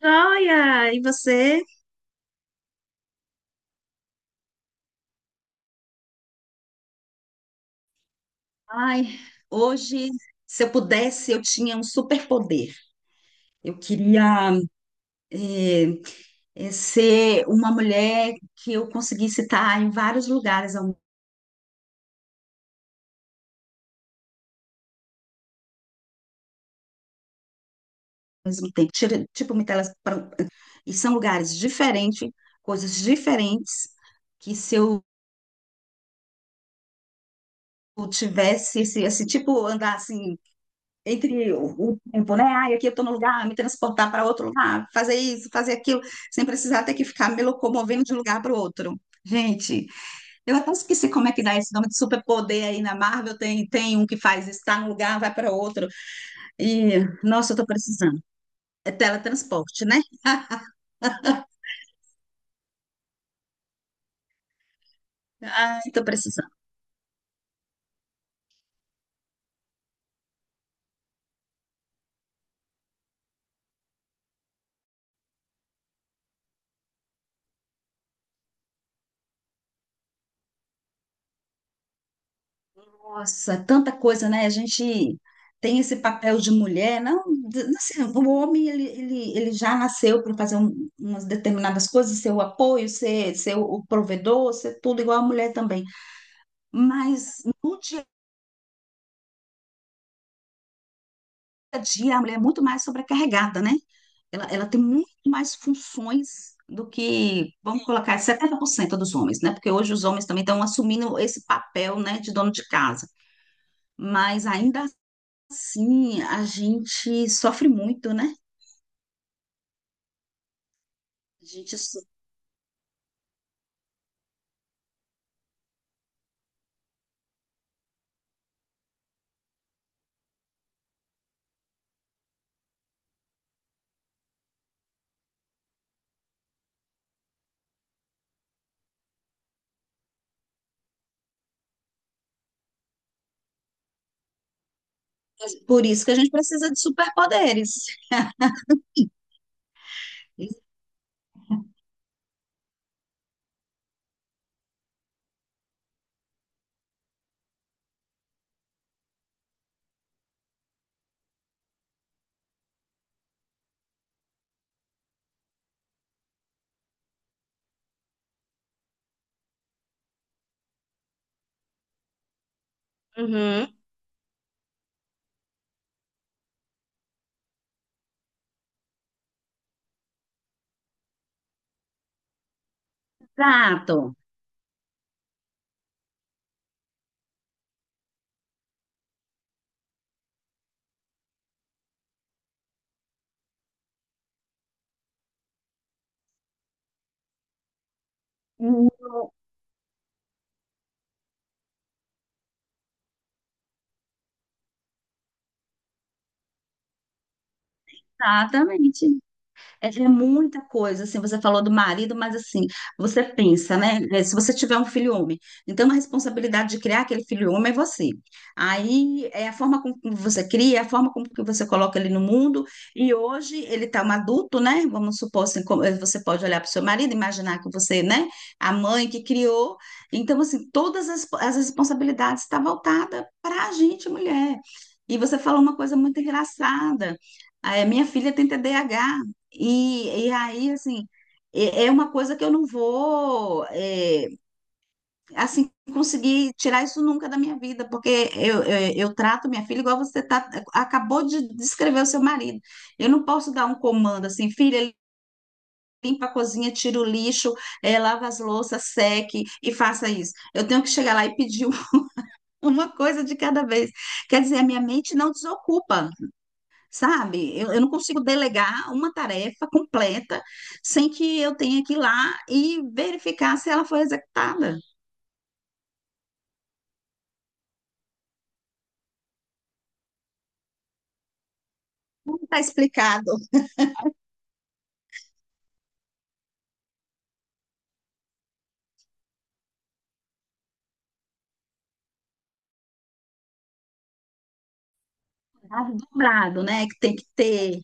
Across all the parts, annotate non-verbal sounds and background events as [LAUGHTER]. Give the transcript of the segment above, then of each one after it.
Joia! E você? Ai, hoje, se eu pudesse, eu tinha um superpoder. Eu queria eh, ser uma mulher que eu conseguisse estar em vários lugares ao mesmo tempo. Tipo, me e são lugares diferentes, coisas diferentes, que se eu tivesse esse tipo, andar assim entre o tempo, né? Ai, aqui eu estou no lugar, me transportar para outro lugar, fazer isso, fazer aquilo, sem precisar ter que ficar me locomovendo de um lugar para o outro. Gente, eu até esqueci como é que dá esse nome de superpoder aí na Marvel. Tem um que faz isso, tá num lugar, vai para outro. E nossa, eu tô precisando. É teletransporte, né? Ai, tô precisando. Nossa, é tanta coisa, né? A gente tem esse papel de mulher, não, de- assim, o homem ele já nasceu para fazer umas determinadas coisas, ser o apoio, ser o provedor, ser tudo igual a mulher também. Mas no dia a dia a mulher é muito mais sobrecarregada, né? Ela tem muito mais funções do que, vamos colocar, 70% dos homens, né? Porque hoje os homens também estão assumindo esse papel, né, de dono de casa. Mas ainda sim, a gente sofre muito, né? A gente por isso que a gente precisa de superpoderes. Uhum. Exato. Exatamente. É, é muita coisa, assim, você falou do marido, mas assim, você pensa, né? É, se você tiver um filho homem, então a responsabilidade de criar aquele filho homem é você. Aí é a forma como você cria, é a forma como que você coloca ele no mundo, e hoje ele tá um adulto, né? Vamos supor assim, você pode olhar para o seu marido, imaginar que você, né, a mãe que criou. Então, assim, todas as responsabilidades estão voltadas para a gente, mulher. E você falou uma coisa muito engraçada. Ah, é, minha filha tem TDAH. E aí, assim, é uma coisa que eu não vou, é, assim, conseguir tirar isso nunca da minha vida, porque eu trato minha filha igual você tá, acabou de descrever o seu marido. Eu não posso dar um comando assim, filha, limpa a cozinha, tira o lixo, é, lava as louças, seque e faça isso. Eu tenho que chegar lá e pedir [LAUGHS] uma coisa de cada vez. Quer dizer, a minha mente não desocupa. Sabe? Eu não consigo delegar uma tarefa completa sem que eu tenha que ir lá e verificar se ela foi executada. Não está explicado, dado dobrado, né? Que tem que ter.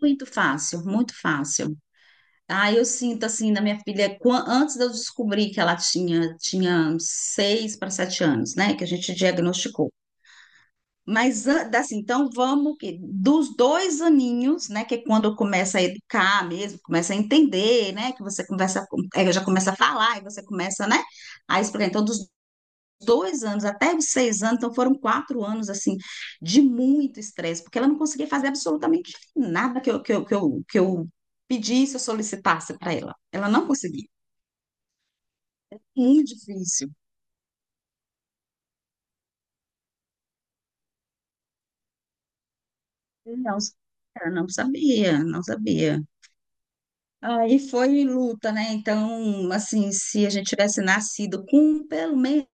Muito fácil, muito fácil. Ah, eu sinto assim na minha filha, antes de eu descobrir que ela tinha, tinha seis para sete anos, né? Que a gente diagnosticou. Mas assim, então vamos que dos dois aninhos, né, que é quando começa a educar mesmo, começa a entender, né, que você conversa, é, já começa a falar e você começa, né, a explicar. Então, dos dois anos até os seis anos, então foram quatro anos assim de muito estresse, porque ela não conseguia fazer absolutamente nada que eu pedisse ou solicitasse para ela. Ela não conseguia. Muito difícil. Não, ela não sabia, não sabia. Aí foi luta, né? Então, assim, se a gente tivesse nascido com pelo menos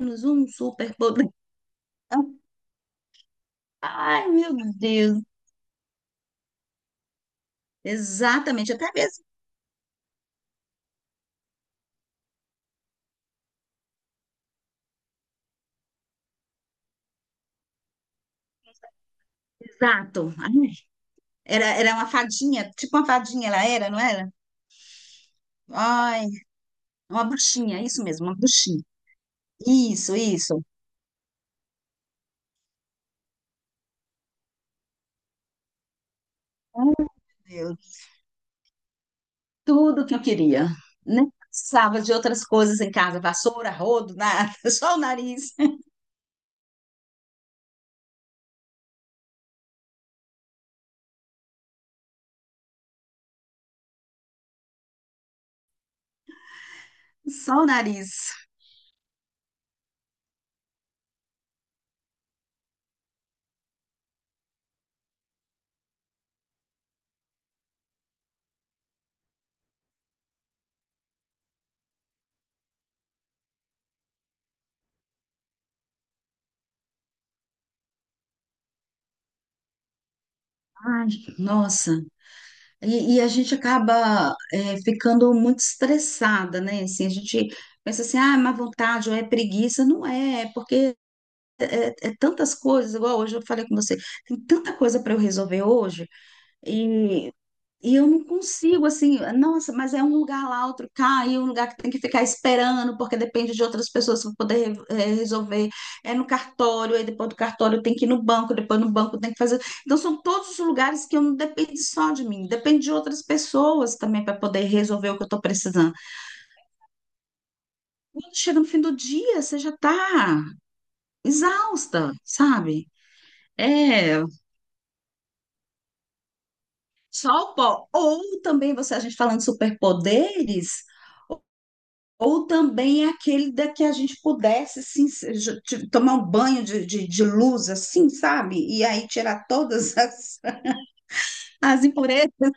um superpoder. [LAUGHS] Ai, meu Deus. Exatamente, até mesmo. Exato. Ai, era, era uma fadinha, tipo uma fadinha ela era, não era? Ai, uma bruxinha, isso mesmo, uma bruxinha. Isso, isso. Ai, meu Deus. Tudo que eu queria. Nem precisava de outras coisas em casa, vassoura, rodo, nada. [LAUGHS] Só o nariz. Só o nariz. Ai, nossa. E a gente acaba é, ficando muito estressada, né? Assim, a gente pensa assim, ah, é má vontade ou é preguiça. Não é, é porque é, é tantas coisas, igual hoje eu falei com você, tem tanta coisa para eu resolver hoje, e e eu não consigo, assim, nossa, mas é um lugar lá, outro cá, e um lugar que tem que ficar esperando, porque depende de outras pessoas para poder eh, resolver. É no cartório, aí depois do cartório tem que ir no banco, depois no banco tem que fazer. Então, são todos os lugares que eu não depende só de mim, depende de outras pessoas também para poder resolver o que eu estou precisando. Quando chega no fim do dia, você já está exausta, sabe? É, só o pó. Ou também você, a gente falando de superpoderes. Ou também aquele da que a gente pudesse assim, tomar um banho de luz, assim, sabe? E aí tirar todas [LAUGHS] as impurezas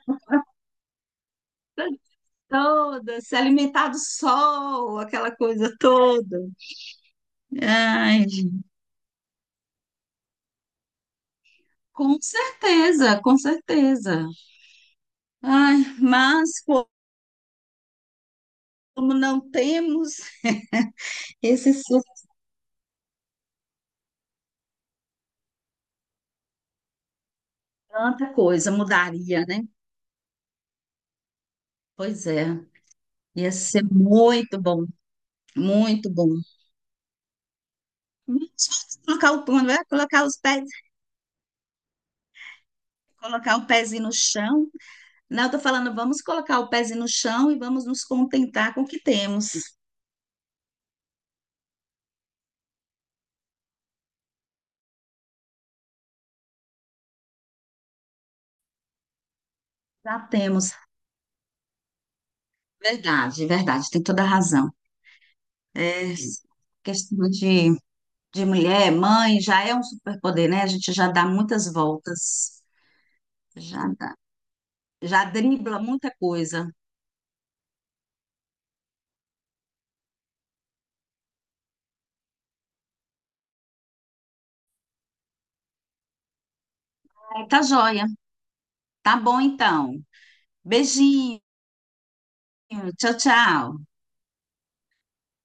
todas, se alimentar do sol, aquela coisa toda. Ai, gente, com certeza, com certeza. Ai, mas como não temos esse suco, tanta coisa mudaria, né? Pois é, ia ser muito bom, muito bom. Só colocar o pão, não é? Colocar os pés. Colocar o pezinho no chão. Não, eu tô falando, vamos colocar o pezinho no chão e vamos nos contentar com o que temos. Já temos. Verdade, verdade, tem toda a razão. É, questão de mulher, mãe, já é um superpoder, né? A gente já dá muitas voltas, já dá- já dribla muita coisa. É, tá joia. Tá bom, então. Beijinho. Tchau, tchau.